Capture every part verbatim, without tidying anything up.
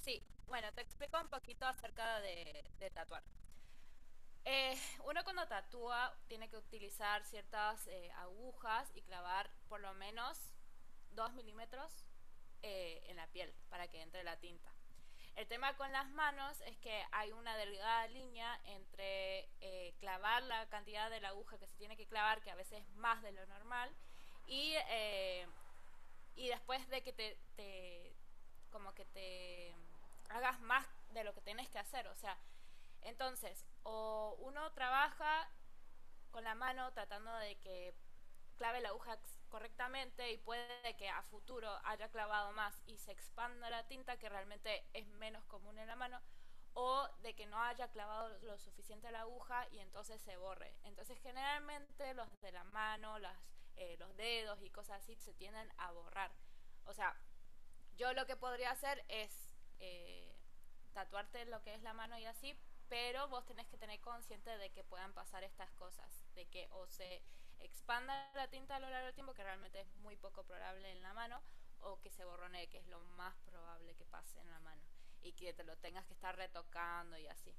Sí, bueno, te explico un poquito acerca de, de tatuar. Eh, Uno cuando tatúa tiene que utilizar ciertas eh, agujas y clavar por lo menos dos milímetros eh, en la piel para que entre la tinta. El tema con las manos es que hay una delgada línea entre eh, clavar la cantidad de la aguja que se tiene que clavar, que a veces es más de lo normal, y eh, y después de que te, te como que te hagas más de lo que tienes que hacer. O sea, entonces, o uno trabaja con la mano tratando de que clave la aguja correctamente y puede que a futuro haya clavado más y se expanda la tinta, que realmente es menos común en la mano, o de que no haya clavado lo suficiente la aguja y entonces se borre. Entonces, generalmente los de la mano, las, eh, los dedos y cosas así se tienden a borrar. O sea, yo lo que podría hacer es eh, tatuarte lo que es la mano y así, pero vos tenés que tener consciente de que puedan pasar estas cosas, de que o se expanda la tinta a lo largo del tiempo, que realmente es muy poco probable en la mano, o que se borronee, que es lo más probable que pase en la mano, y que te lo tengas que estar retocando y así.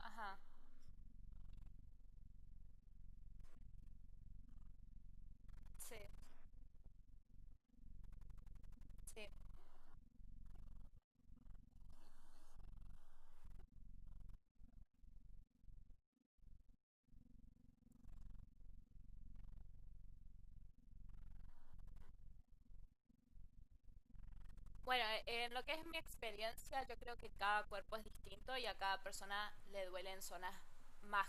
Ajá, sí, sí. Bueno, eh, en lo que es mi experiencia, yo creo que cada cuerpo es distinto y a cada persona le duelen zonas más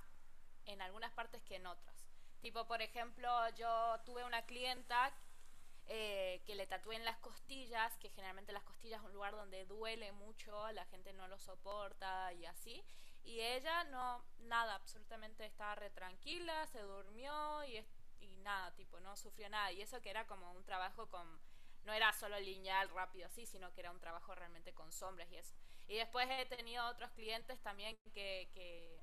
en algunas partes que en otras. Tipo, por ejemplo, yo tuve una clienta eh, que le tatúen las costillas, que generalmente las costillas es un lugar donde duele mucho, la gente no lo soporta y así. Y ella no, nada, absolutamente estaba re tranquila, se durmió y, y nada, tipo, no sufrió nada. Y eso que era como un trabajo con, no era solo lineal, rápido, así, sino que era un trabajo realmente con sombras y eso. Y después he tenido otros clientes también que, que,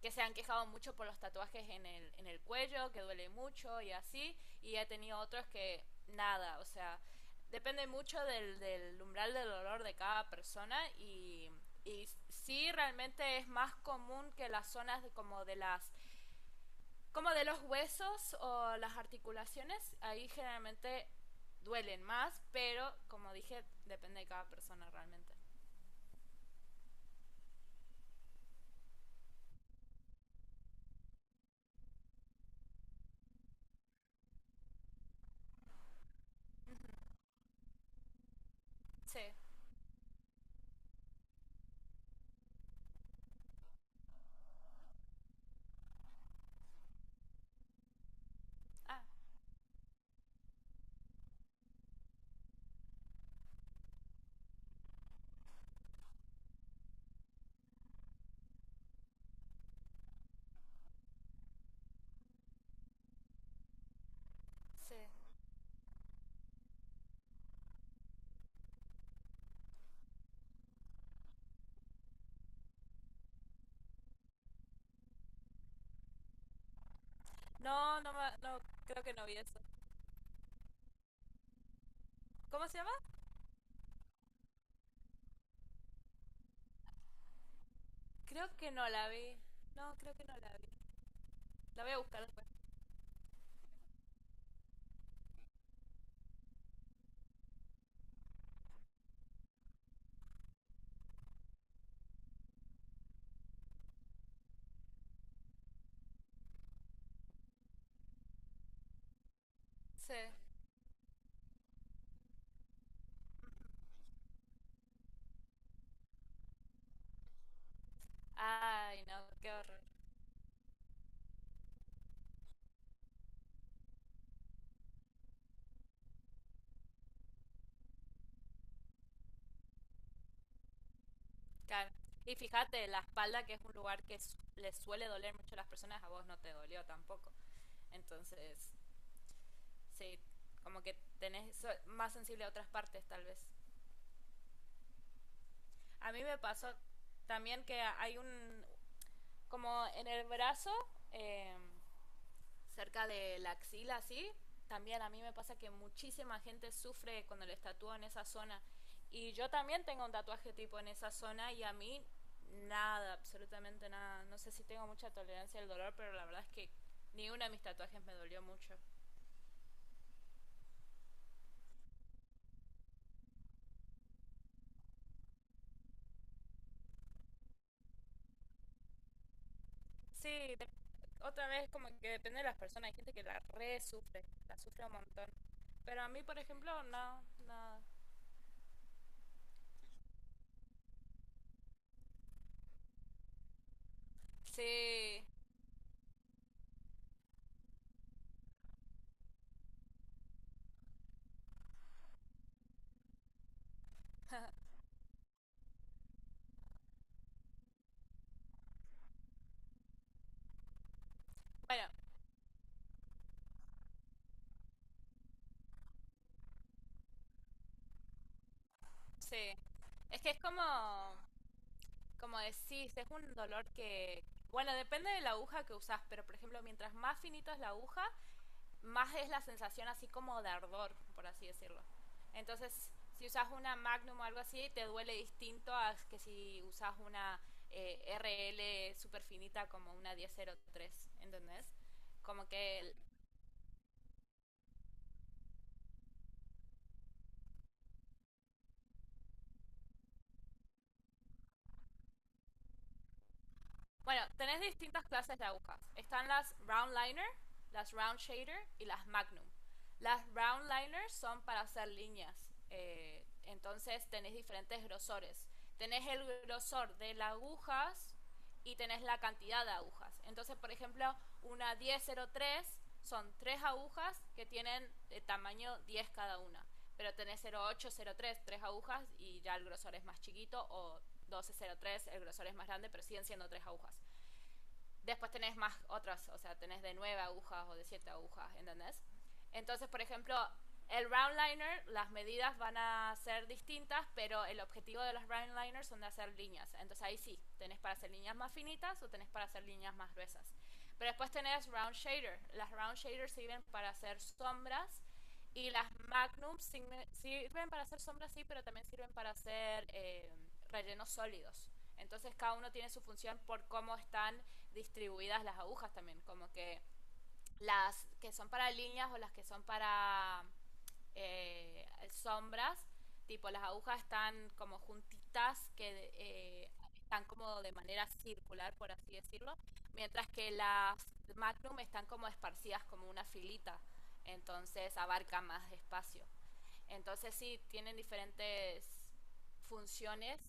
que se han quejado mucho por los tatuajes en el, en el cuello, que duele mucho y así y he tenido otros que nada, o sea, depende mucho del, del umbral del dolor de cada persona y, y sí realmente es más común que las zonas de, como de las como de los huesos o las articulaciones ahí generalmente duelen más, pero como dije depende de cada persona realmente. Sí. Ah, sí. No, no, ma- no, creo que no vi eso. ¿Cómo se llama? Creo que no la vi. No, creo que no la vi. La voy a buscar después. Sí. Ay, no, qué horror. Claro. Y fíjate, la espalda, que es un lugar que su- les suele doler mucho a las personas, a vos no te dolió tampoco. Entonces, sí, como que tenés so- más sensible a otras partes, tal vez. A mí me pasó también que hay un, como en el brazo, eh, cerca de la axila, ¿sí? También a mí me pasa que muchísima gente sufre cuando les tatúo en esa zona. Y yo también tengo un tatuaje tipo en esa zona y a mí nada, absolutamente nada. No sé si tengo mucha tolerancia al dolor, pero la verdad es que ni uno de mis tatuajes me dolió mucho. Sí, de- otra vez como que depende de las personas. Hay gente que la re sufre, la sufre un montón. Pero a mí, por ejemplo, no, nada. Sí, bueno, sí. Es que es como… como decís, es un dolor que, bueno, depende de la aguja que usás, pero por ejemplo, mientras más finito es la aguja, más es la sensación así como de ardor, por así decirlo. Entonces, si usas una Magnum o algo así, te duele distinto a que si usas una eh, R L super finita como una diez cero tres, ¿entendés? Como que Bueno, tenés distintas clases de agujas. Están las round liner, las round shader y las magnum. Las round liners son para hacer líneas. Eh, entonces tenés diferentes grosores. Tenés el grosor de las agujas y tenés la cantidad de agujas. Entonces, por ejemplo, una diez cero tres son tres agujas que tienen de tamaño diez cada una, pero tenés cero ocho, cero tres tres agujas y ya el grosor es más chiquito, o doce cero tres el grosor es más grande, pero siguen siendo tres agujas. Después tenés más otras, o sea, tenés de nueve agujas o de siete agujas, ¿entendés? Entonces, por ejemplo, el round liner, las medidas van a ser distintas, pero el objetivo de los round liners son de hacer líneas. Entonces ahí sí, tenés para hacer líneas más finitas o tenés para hacer líneas más gruesas. Pero después tenés round shader. Las round shaders sirven para hacer sombras y las magnums sirven para hacer sombras, sí, pero también sirven para hacer eh, rellenos sólidos. Entonces cada uno tiene su función por cómo están distribuidas las agujas también, como que las que son para líneas o las que son para eh, sombras, tipo las agujas están como juntitas, que eh, están como de manera circular, por así decirlo, mientras que las magnum están como esparcidas como una filita, entonces abarca más espacio. Entonces sí, tienen diferentes funciones,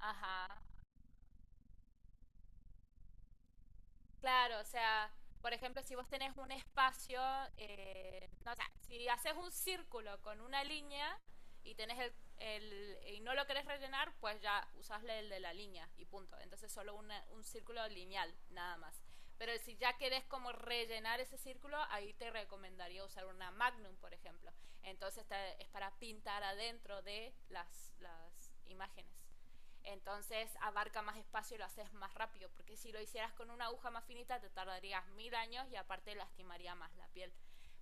ajá. Claro, o sea, por ejemplo, si vos tenés un espacio, eh, no, o sea, si haces un círculo con una línea y tenés el, el- y no lo querés rellenar, pues ya usás el de la línea y punto. Entonces solo una- un círculo lineal, nada más. Pero si ya querés como rellenar ese círculo, ahí te recomendaría usar una magnum, por ejemplo. Entonces te- es para pintar adentro de las, las imágenes. Entonces abarca más espacio y lo haces más rápido, porque si lo hicieras con una aguja más finita te tardarías mil años y aparte lastimaría más la piel.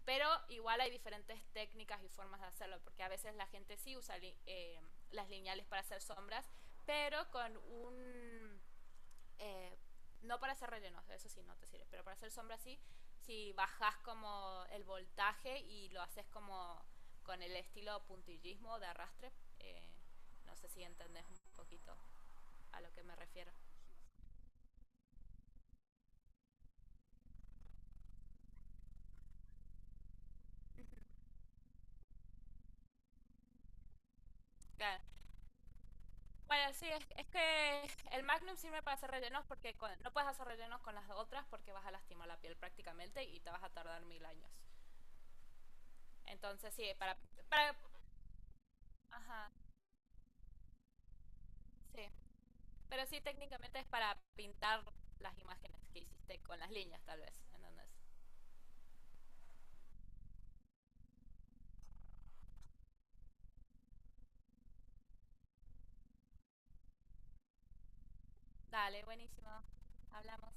Pero igual hay diferentes técnicas y formas de hacerlo, porque a veces la gente sí usa li eh, las lineales para hacer sombras, pero con un… Eh, no para hacer rellenos, eso sí no te sirve, pero para hacer sombras sí, si bajas como el voltaje y lo haces como con el estilo puntillismo de arrastre, eh, no sé si entendés un poquito a lo que me refiero. Claro. Bueno, sí, es, es que el Magnum sirve para hacer rellenos porque con- no puedes hacer rellenos con las otras porque vas a lastimar la piel prácticamente y te vas a tardar mil años. Entonces, sí, para, para, ajá, sí. Pero sí, técnicamente es para pintar las imágenes que hiciste con las líneas, tal vez. Entonces, dale, buenísimo. Hablamos.